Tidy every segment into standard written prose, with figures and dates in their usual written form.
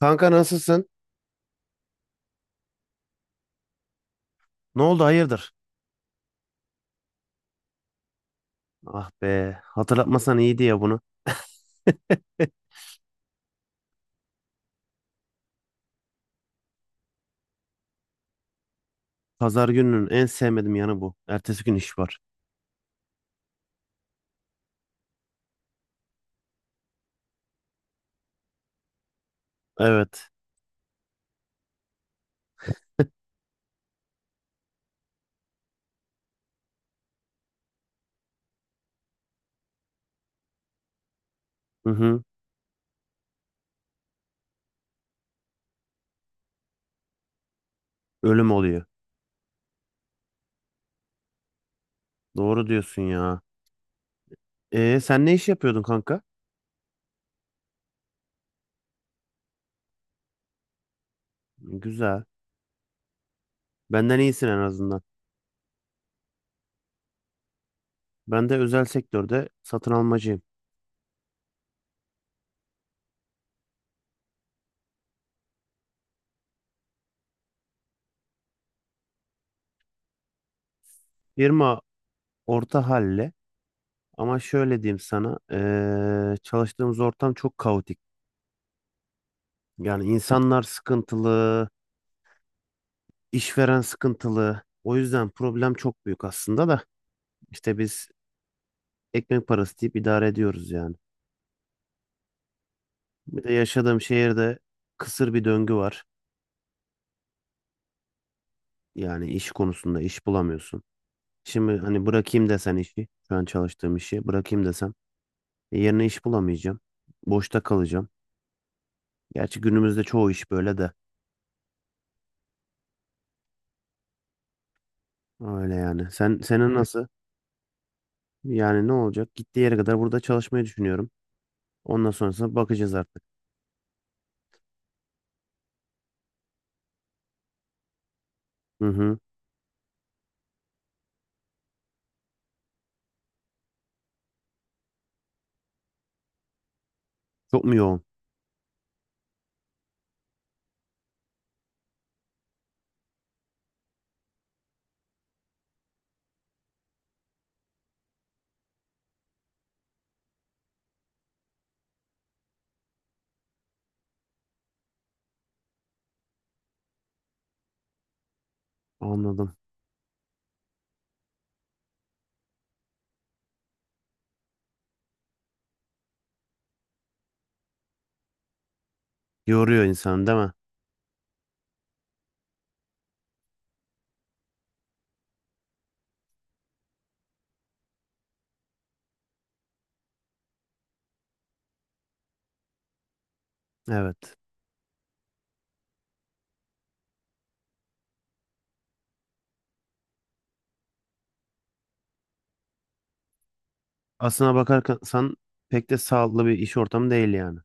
Kanka nasılsın? Ne oldu hayırdır? Ah be hatırlatmasan iyiydi ya bunu. Pazar gününün en sevmediğim yanı bu. Ertesi gün iş var. Evet. Hı hı. Ölüm oluyor. Doğru diyorsun ya. E sen ne iş yapıyordun kanka? Güzel. Benden iyisin en azından. Ben de özel sektörde satın almacıyım. Firma orta halle ama şöyle diyeyim sana. Çalıştığımız ortam çok kaotik. Yani insanlar sıkıntılı, işveren sıkıntılı. O yüzden problem çok büyük aslında da. İşte biz ekmek parası deyip idare ediyoruz yani. Bir de yaşadığım şehirde kısır bir döngü var. Yani iş konusunda iş bulamıyorsun. Şimdi hani bırakayım desen işi, şu an çalıştığım işi bırakayım desem yerine iş bulamayacağım. Boşta kalacağım. Gerçi günümüzde çoğu iş böyle de. Öyle yani. Sen senin nasıl? Yani ne olacak? Gittiği yere kadar burada çalışmayı düşünüyorum. Ondan sonrasına bakacağız artık. Hı hı. Çok mu yoğun? Anladım. Yoruyor insan değil mi? Evet. Aslına bakarsan pek de sağlıklı bir iş ortamı değil yani.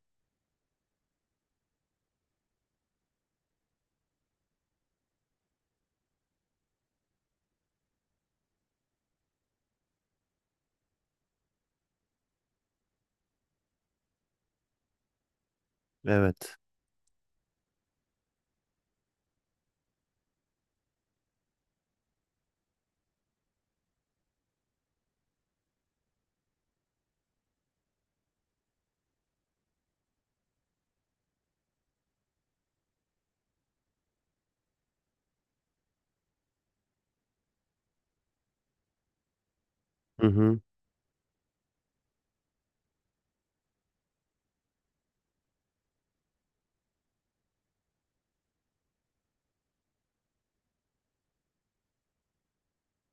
Evet. Hı hı.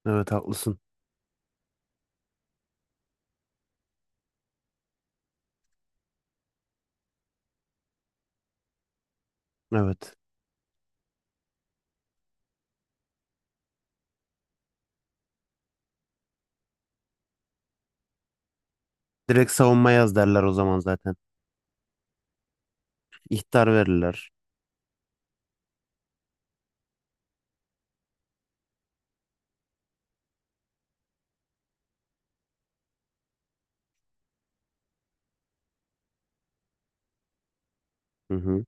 Evet haklısın. Evet. Direkt savunma yaz derler o zaman zaten. İhtar verirler. Hı hı.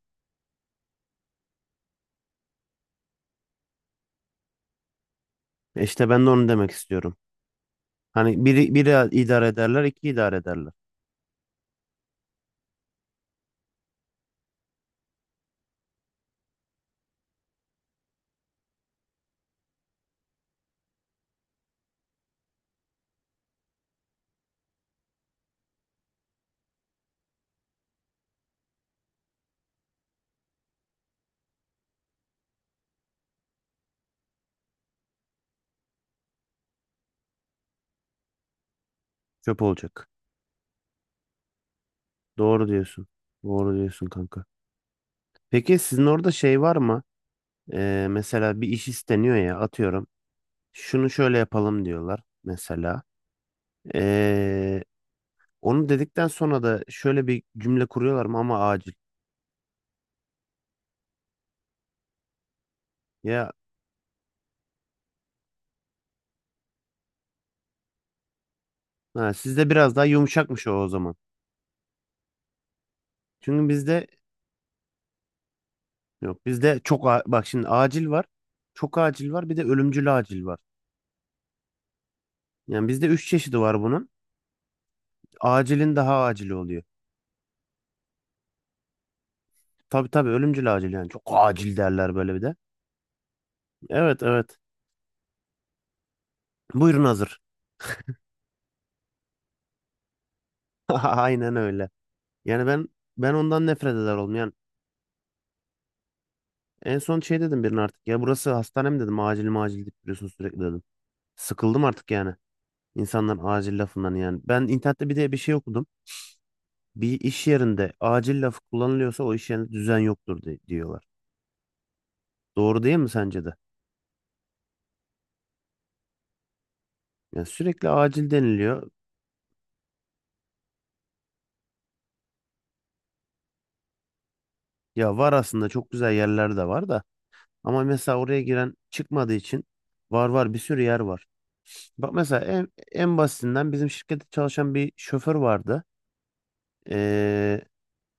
E İşte ben de onu demek istiyorum. Hani biri idare ederler, iki idare ederler. Çöp olacak. Doğru diyorsun. Doğru diyorsun kanka. Peki sizin orada şey var mı? Mesela bir iş isteniyor ya atıyorum. Şunu şöyle yapalım diyorlar mesela. E, onu dedikten sonra da şöyle bir cümle kuruyorlar mı ama acil. Ya ha, sizde biraz daha yumuşakmış o zaman. Çünkü bizde yok bizde çok a- bak şimdi acil var. Çok acil var bir de ölümcül acil var. Yani bizde üç çeşidi var bunun. Acilin daha acili oluyor. Tabii tabii ölümcül acil yani çok acil derler böyle bir de. Evet evet. Buyurun hazır. Aynen öyle. Yani ben ondan nefret eder oldum. Yani en son şey dedim birine artık ya burası hastane mi dedim acil macil deyip duruyorsun sürekli dedim. Sıkıldım artık yani. İnsanlar acil lafından yani. Ben internette bir de bir şey okudum. Bir iş yerinde acil lafı kullanılıyorsa o iş yerinde düzen yoktur di- diyorlar. Doğru değil mi sence de? Yani sürekli acil deniliyor. Ya var aslında çok güzel yerler de var da. Ama mesela oraya giren çıkmadığı için var var bir sürü yer var. Bak mesela en basitinden bizim şirkette çalışan bir şoför vardı. Ee,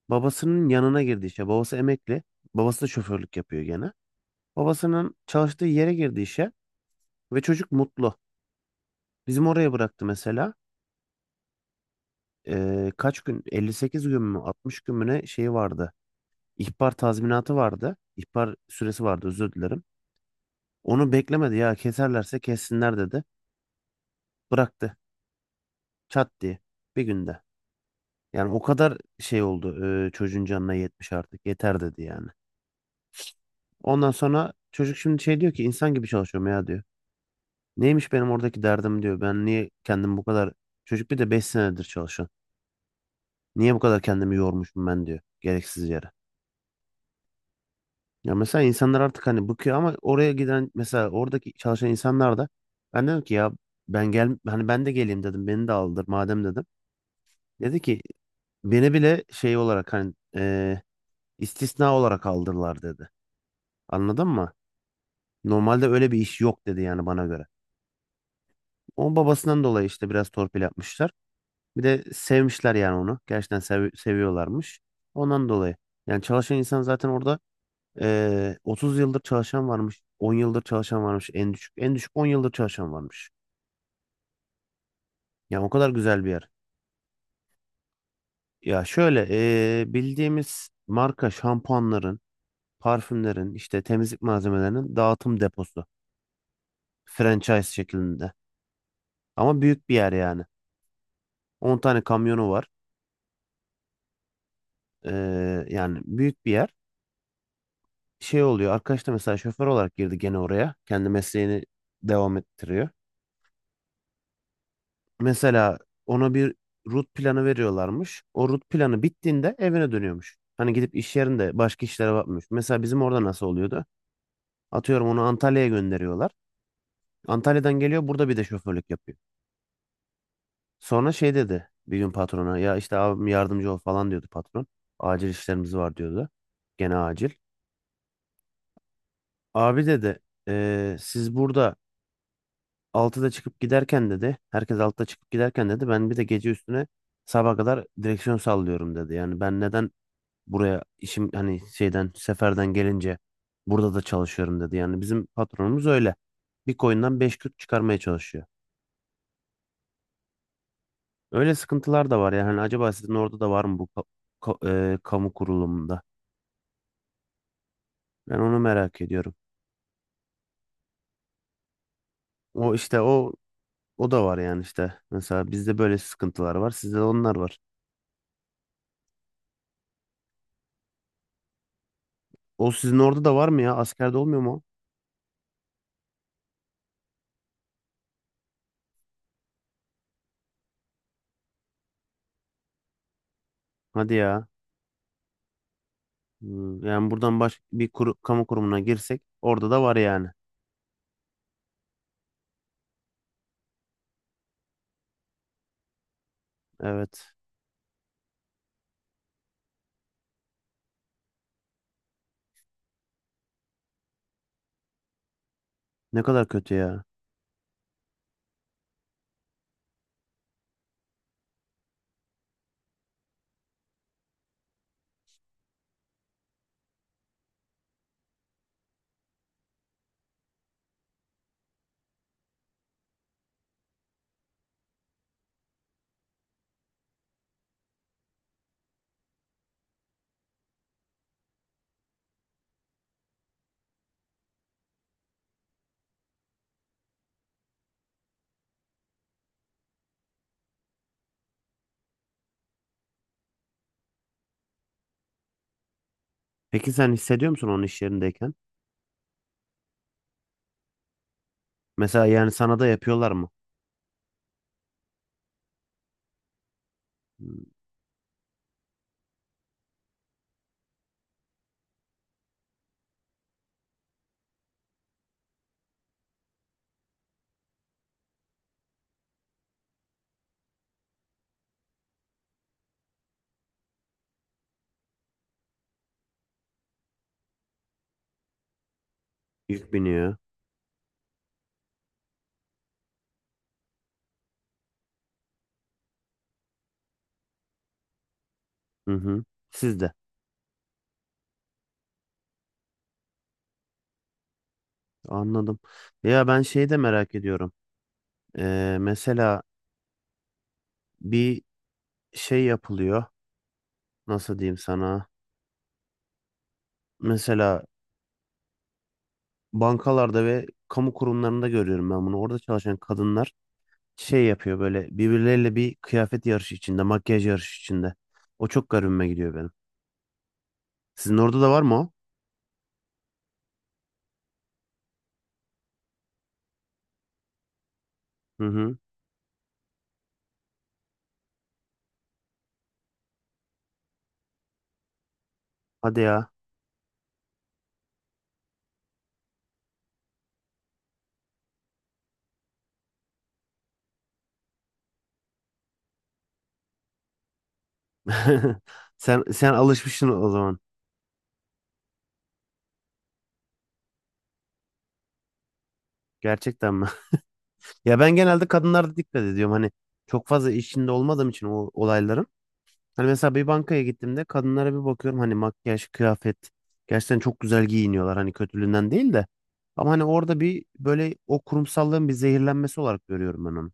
Babasının yanına girdi işe. Babası emekli. Babası da şoförlük yapıyor gene. Babasının çalıştığı yere girdi işe ve çocuk mutlu. Bizim oraya bıraktı mesela. Kaç gün? 58 gün mü? 60 gün mü ne şeyi vardı. İhbar tazminatı vardı. İhbar süresi vardı özür dilerim. Onu beklemedi ya keserlerse kessinler dedi. Bıraktı. Çat diye. Bir günde. Yani o kadar şey oldu. Çocuğun canına yetmiş artık. Yeter dedi yani. Ondan sonra çocuk şimdi şey diyor ki insan gibi çalışıyorum ya diyor. Neymiş benim oradaki derdim diyor. Ben niye kendimi bu kadar... Çocuk bir de 5 senedir çalışan. Niye bu kadar kendimi yormuşum ben diyor. Gereksiz yere. Ya mesela insanlar artık hani bıkıyor ama oraya giden mesela oradaki çalışan insanlar da ben dedim ki ya ben gel hani ben de geleyim dedim beni de aldır madem dedim. Dedi ki beni bile şey olarak hani istisna olarak aldırlar dedi. Anladın mı? Normalde öyle bir iş yok dedi yani bana göre. O babasından dolayı işte biraz torpil yapmışlar. Bir de sevmişler yani onu. Gerçekten sev- seviyorlarmış. Ondan dolayı. Yani çalışan insan zaten orada. 30 yıldır çalışan varmış, 10 yıldır çalışan varmış en düşük. En düşük 10 yıldır çalışan varmış. Yani o kadar güzel bir yer. Ya şöyle bildiğimiz marka şampuanların, parfümlerin, işte temizlik malzemelerinin dağıtım deposu. Franchise şeklinde. Ama büyük bir yer yani. 10 tane kamyonu var. Yani büyük bir yer. Şey oluyor, arkadaş da mesela şoför olarak girdi gene oraya. Kendi mesleğini devam ettiriyor. Mesela ona bir rut planı veriyorlarmış. O rut planı bittiğinde evine dönüyormuş. Hani gidip iş yerinde başka işlere bakmış. Mesela bizim orada nasıl oluyordu? Atıyorum onu Antalya'ya gönderiyorlar. Antalya'dan geliyor burada bir de şoförlük yapıyor. Sonra şey dedi bir gün patrona ya işte abim yardımcı ol falan diyordu patron. Acil işlerimiz var diyordu. Gene acil. Abi dedi, siz burada 6'da çıkıp giderken dedi. Herkes 6'da çıkıp giderken dedi. Ben bir de gece üstüne sabaha kadar direksiyon sallıyorum dedi. Yani ben neden buraya işim hani şeyden seferden gelince burada da çalışıyorum dedi. Yani bizim patronumuz öyle. Bir koyundan 5 küt çıkarmaya çalışıyor. Öyle sıkıntılar da var yani. Hani acaba sizin orada da var mı bu kamu kurulumunda? Ben onu merak ediyorum. O işte o O da var yani işte. Mesela bizde böyle sıkıntılar var. Sizde de onlar var. O sizin orada da var mı ya? Askerde olmuyor mu o? Hadi ya. Hmm, yani buradan baş bir kuru- kamu kurumuna girsek orada da var yani. Evet. Ne kadar kötü ya. Peki sen hissediyor musun onun iş yerindeyken? Mesela yani sana da yapıyorlar mı? Hmm, yük biniyor. Hı hı. Siz de. Anladım. Ya ben şeyi de merak ediyorum. Mesela bir şey yapılıyor. Nasıl diyeyim sana? Mesela bankalarda ve kamu kurumlarında görüyorum ben bunu. Orada çalışan kadınlar şey yapıyor böyle birbirleriyle bir kıyafet yarışı içinde, makyaj yarışı içinde. O çok garibime gidiyor benim. Sizin orada da var mı o? Hı hı. Hadi ya. Sen alışmışsın o zaman. Gerçekten mi? Ya ben genelde kadınlarda dikkat ediyorum. Hani çok fazla işinde olmadığım için o olayların. Hani mesela bir bankaya gittiğimde kadınlara bir bakıyorum. Hani makyaj, kıyafet. Gerçekten çok güzel giyiniyorlar. Hani kötülüğünden değil de. Ama hani orada bir böyle o kurumsallığın bir zehirlenmesi olarak görüyorum ben onu.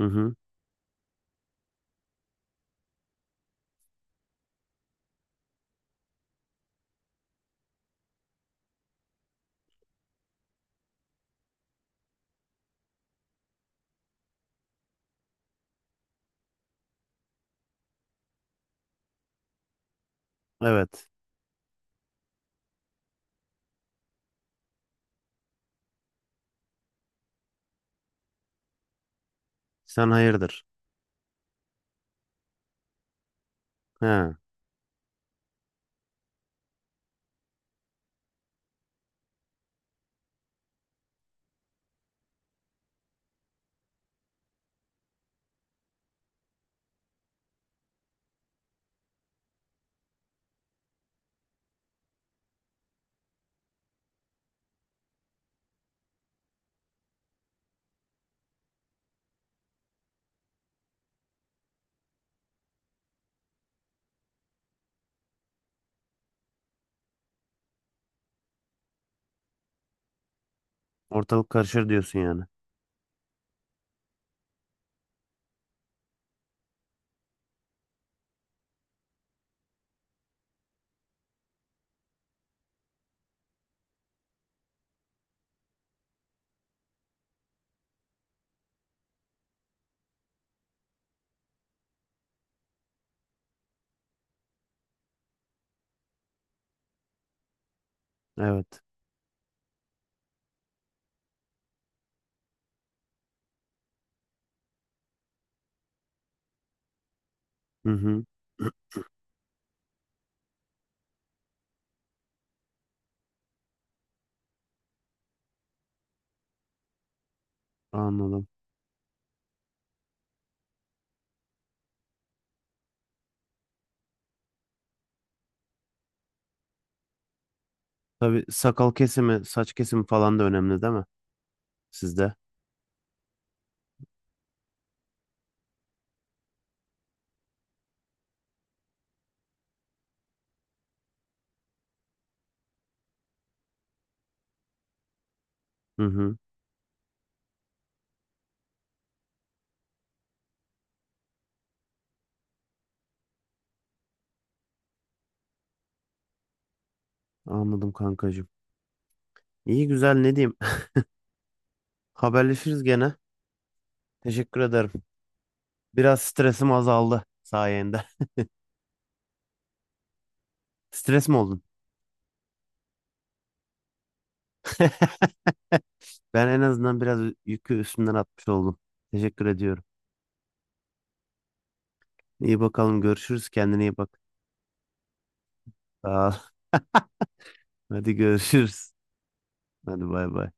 Hı hı. Evet. Sen hayırdır? He. Ortalık karışır diyorsun yani. Evet. Hı hı. Anladım. Tabii sakal kesimi, saç kesimi falan da önemli değil mi? Sizde. Hı hı. Anladım kankacığım. İyi güzel ne diyeyim. Haberleşiriz gene. Teşekkür ederim. Biraz stresim azaldı sayende. Stres mi oldun? Ben en azından biraz yükü üstümden atmış oldum. Teşekkür ediyorum. İyi bakalım görüşürüz. Kendine iyi bak. Sağ ol. Hadi görüşürüz. Hadi bay bay.